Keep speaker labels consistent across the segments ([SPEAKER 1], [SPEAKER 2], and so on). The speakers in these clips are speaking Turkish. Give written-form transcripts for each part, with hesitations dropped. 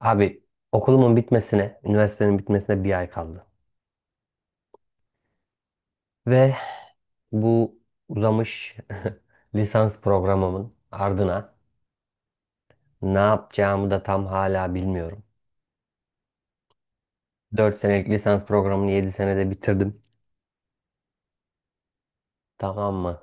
[SPEAKER 1] Abi, okulumun bitmesine, üniversitenin bitmesine bir ay kaldı. Ve bu uzamış lisans programımın ardına ne yapacağımı da tam hala bilmiyorum. 4 senelik lisans programını 7 senede bitirdim. Tamam mı?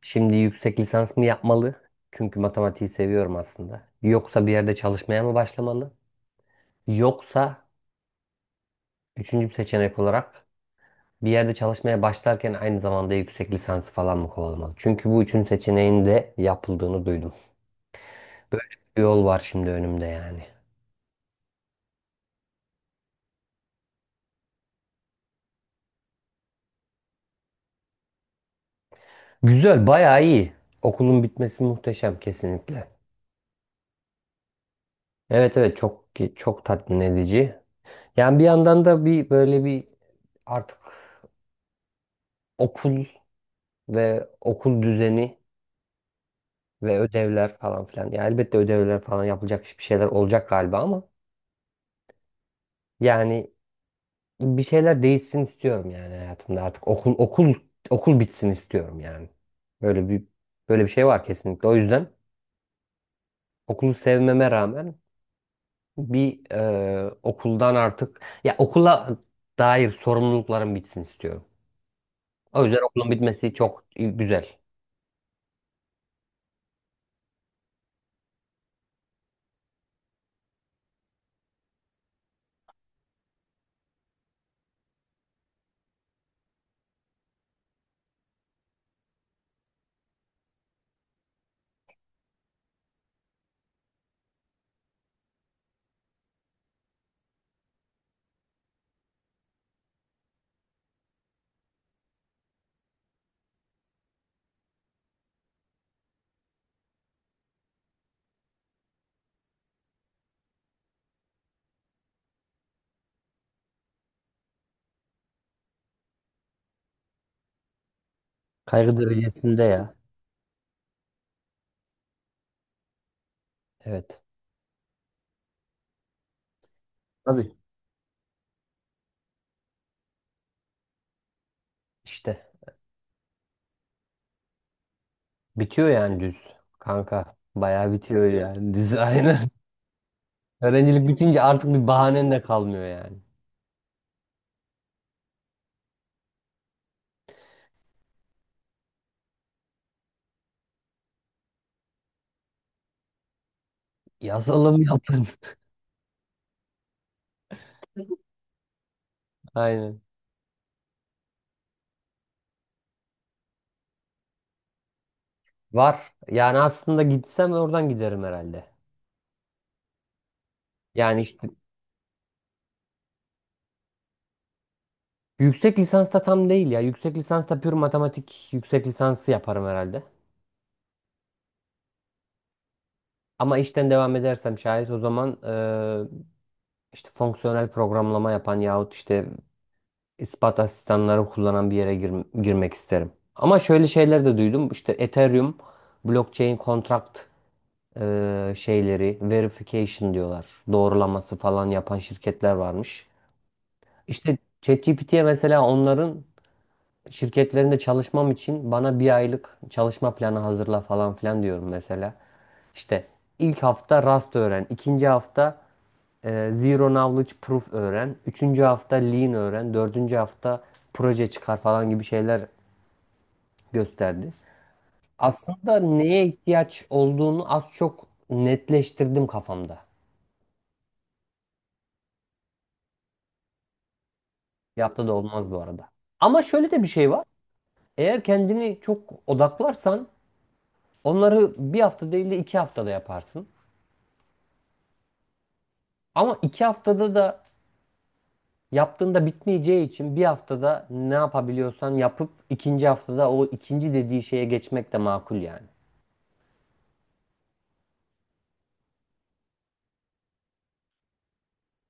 [SPEAKER 1] Şimdi yüksek lisans mı yapmalı? Çünkü matematiği seviyorum aslında. Yoksa bir yerde çalışmaya mı başlamalı? Yoksa üçüncü bir seçenek olarak bir yerde çalışmaya başlarken aynı zamanda yüksek lisansı falan mı kovalamalı? Çünkü bu üçüncü seçeneğin de yapıldığını duydum. Böyle bir yol var şimdi önümde yani. Güzel, bayağı iyi. Okulun bitmesi muhteşem kesinlikle. Evet, evet, çok çok tatmin edici. Yani bir yandan da bir böyle bir artık okul ve okul düzeni ve ödevler falan filan. Yani elbette ödevler falan yapılacak bir şeyler olacak galiba ama yani bir şeyler değişsin istiyorum yani hayatımda artık okul bitsin istiyorum yani. Böyle bir böyle bir şey var kesinlikle. O yüzden okulu sevmeme rağmen bir okuldan artık ya okula dair sorumluluklarım bitsin istiyorum. O yüzden okulun bitmesi çok güzel. Kaygı derecesinde ya. Evet. Tabii. İşte bitiyor yani düz, kanka. Bayağı bitiyor yani düz aynen. Öğrencilik bitince artık bir bahanen de kalmıyor yani. Yazalım yapın. Aynen. Var. Yani aslında gitsem oradan giderim herhalde. Yani işte yüksek lisansta tam değil ya. Yüksek lisansta pür matematik yüksek lisansı yaparım herhalde. Ama işten devam edersem şayet o zaman işte fonksiyonel programlama yapan yahut işte ispat asistanları kullanan bir yere girmek isterim. Ama şöyle şeyler de duydum. İşte Ethereum blockchain contract şeyleri verification diyorlar. Doğrulaması falan yapan şirketler varmış. İşte ChatGPT'ye mesela onların şirketlerinde çalışmam için bana bir aylık çalışma planı hazırla falan filan diyorum mesela. İşte ilk hafta Rust öğren, ikinci hafta Zero Knowledge Proof öğren. Üçüncü hafta Lean öğren. Dördüncü hafta proje çıkar falan gibi şeyler gösterdi. Aslında neye ihtiyaç olduğunu az çok netleştirdim kafamda. Bir haftada olmaz bu arada. Ama şöyle de bir şey var. Eğer kendini çok odaklarsan onları bir hafta değil de iki haftada yaparsın. Ama iki haftada da yaptığında bitmeyeceği için bir haftada ne yapabiliyorsan yapıp ikinci haftada o ikinci dediği şeye geçmek de makul yani.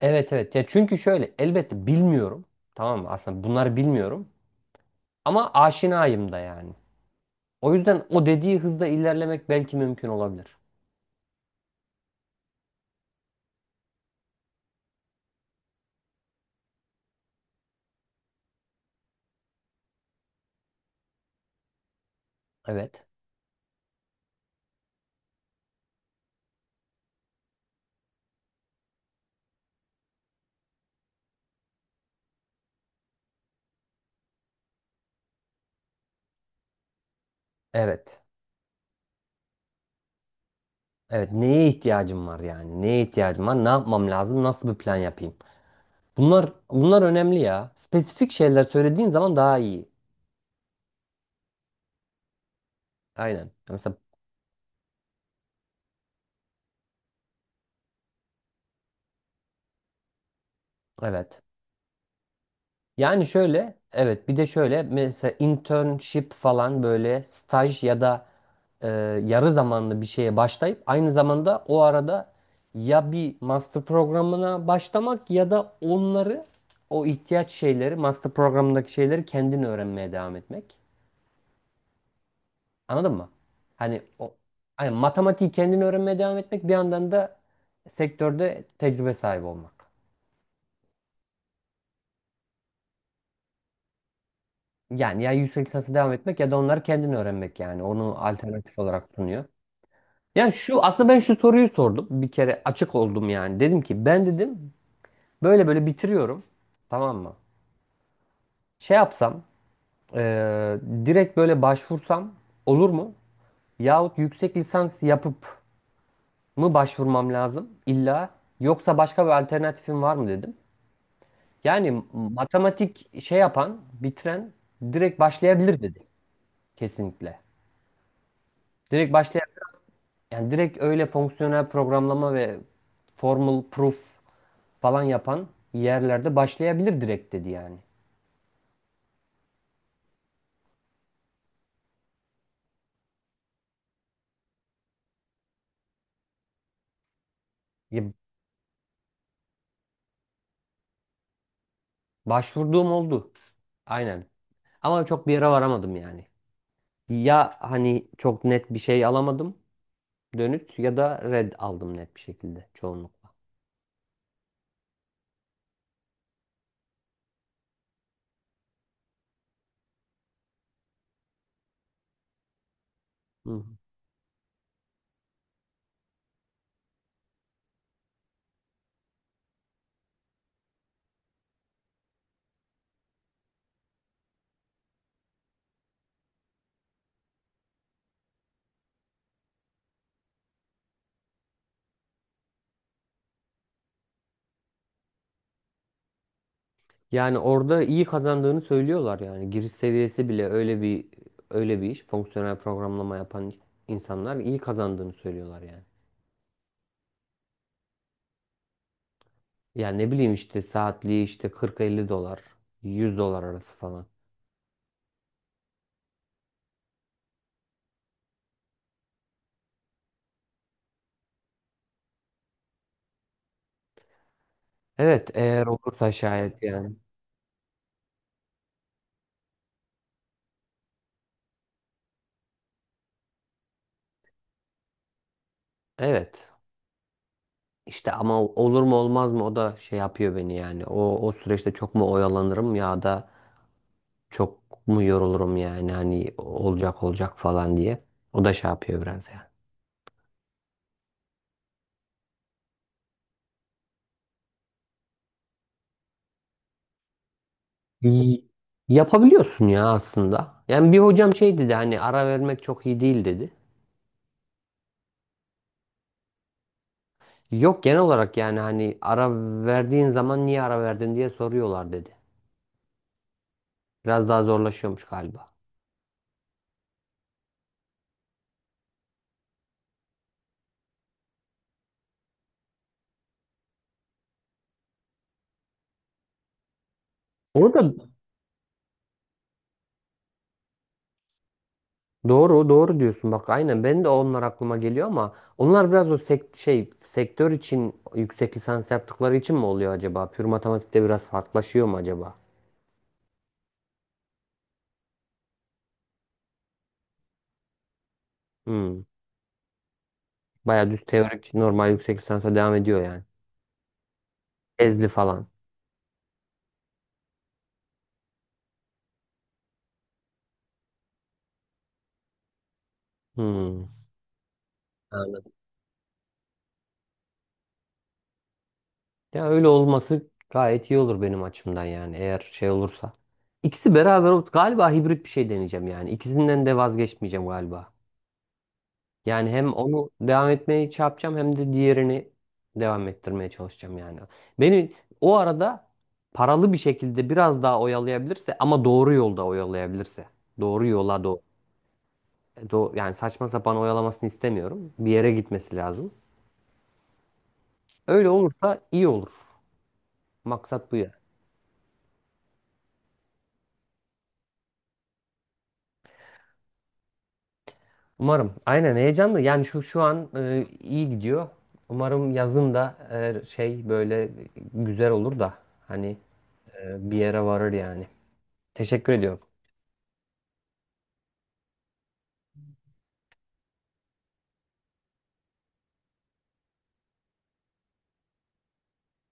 [SPEAKER 1] Evet, evet. Ya çünkü şöyle elbette bilmiyorum. Tamam mı? Aslında bunları bilmiyorum. Ama aşinayım da yani. O yüzden o dediği hızda ilerlemek belki mümkün olabilir. Evet. Evet. Evet. Neye ihtiyacım var yani? Neye ihtiyacım var? Ne yapmam lazım? Nasıl bir plan yapayım? Bunlar önemli ya. Spesifik şeyler söylediğin zaman daha iyi. Aynen. Mesela evet. Yani şöyle, evet bir de şöyle mesela internship falan böyle staj ya da e, yarı zamanlı bir şeye başlayıp aynı zamanda o arada ya bir master programına başlamak ya da onları o ihtiyaç şeyleri master programındaki şeyleri kendin öğrenmeye devam etmek. Anladın mı? Hani o hani matematiği kendin öğrenmeye devam etmek bir yandan da sektörde tecrübe sahibi olmak. Yani ya yüksek lisansa devam etmek ya da onları kendin öğrenmek yani. Onu alternatif olarak sunuyor. Yani şu aslında ben şu soruyu sordum. Bir kere açık oldum yani. Dedim ki ben dedim böyle böyle bitiriyorum. Tamam mı? Şey yapsam eee, direkt böyle başvursam olur mu? Yahut yüksek lisans yapıp mı başvurmam lazım illa yoksa başka bir alternatifim var mı dedim. Yani matematik şey yapan bitiren direkt başlayabilir dedi kesinlikle. Direkt başlayabilir. Yani direkt öyle fonksiyonel programlama ve formal proof falan yapan yerlerde başlayabilir direkt dedi yani. Ya başvurduğum oldu. Aynen. Ama çok bir yere varamadım yani. Ya hani çok net bir şey alamadım, dönüt ya da red aldım net bir şekilde çoğunlukla. Hı hı. Yani orada iyi kazandığını söylüyorlar yani. Giriş seviyesi bile öyle bir öyle bir iş. Fonksiyonel programlama yapan insanlar iyi kazandığını söylüyorlar yani. Yani ne bileyim işte saatliği işte kırk elli dolar, 100 dolar arası falan. Evet, eğer olursa şayet yani. Evet. İşte ama olur mu olmaz mı o da şey yapıyor beni yani. O süreçte çok mu oyalanırım ya da çok mu yorulurum yani hani olacak olacak falan diye. O da şey yapıyor biraz yani. İyi. Yapabiliyorsun ya aslında. Yani bir hocam şey dedi, hani ara vermek çok iyi değil dedi. Yok, genel olarak yani hani ara verdiğin zaman niye ara verdin diye soruyorlar dedi. Biraz daha zorlaşıyormuş galiba. Orada Doğru, doğru diyorsun. Bak aynen ben de onlar aklıma geliyor ama onlar biraz o sektör için yüksek lisans yaptıkları için mi oluyor acaba? Pür matematikte biraz farklılaşıyor mu acaba? Hmm. Baya düz teorik normal yüksek lisansa devam ediyor yani. Ezli falan. Hmm. Anladım. Ya öyle olması gayet iyi olur benim açımdan yani eğer şey olursa. İkisi beraber galiba hibrit bir şey deneyeceğim yani. İkisinden de vazgeçmeyeceğim galiba. Yani hem onu devam etmeye şey yapacağım hem de diğerini devam ettirmeye çalışacağım yani. Beni o arada paralı bir şekilde biraz daha oyalayabilirse ama doğru yolda oyalayabilirse. Doğru yola doğru. e, Do yani saçma sapan oyalamasını istemiyorum. Bir yere gitmesi lazım. Öyle olursa iyi olur. Maksat bu ya. Umarım. Aynen, heyecanlı. Yani şu an iyi gidiyor. Umarım yazın da şey böyle güzel olur da hani bir yere varır yani. Teşekkür ediyorum.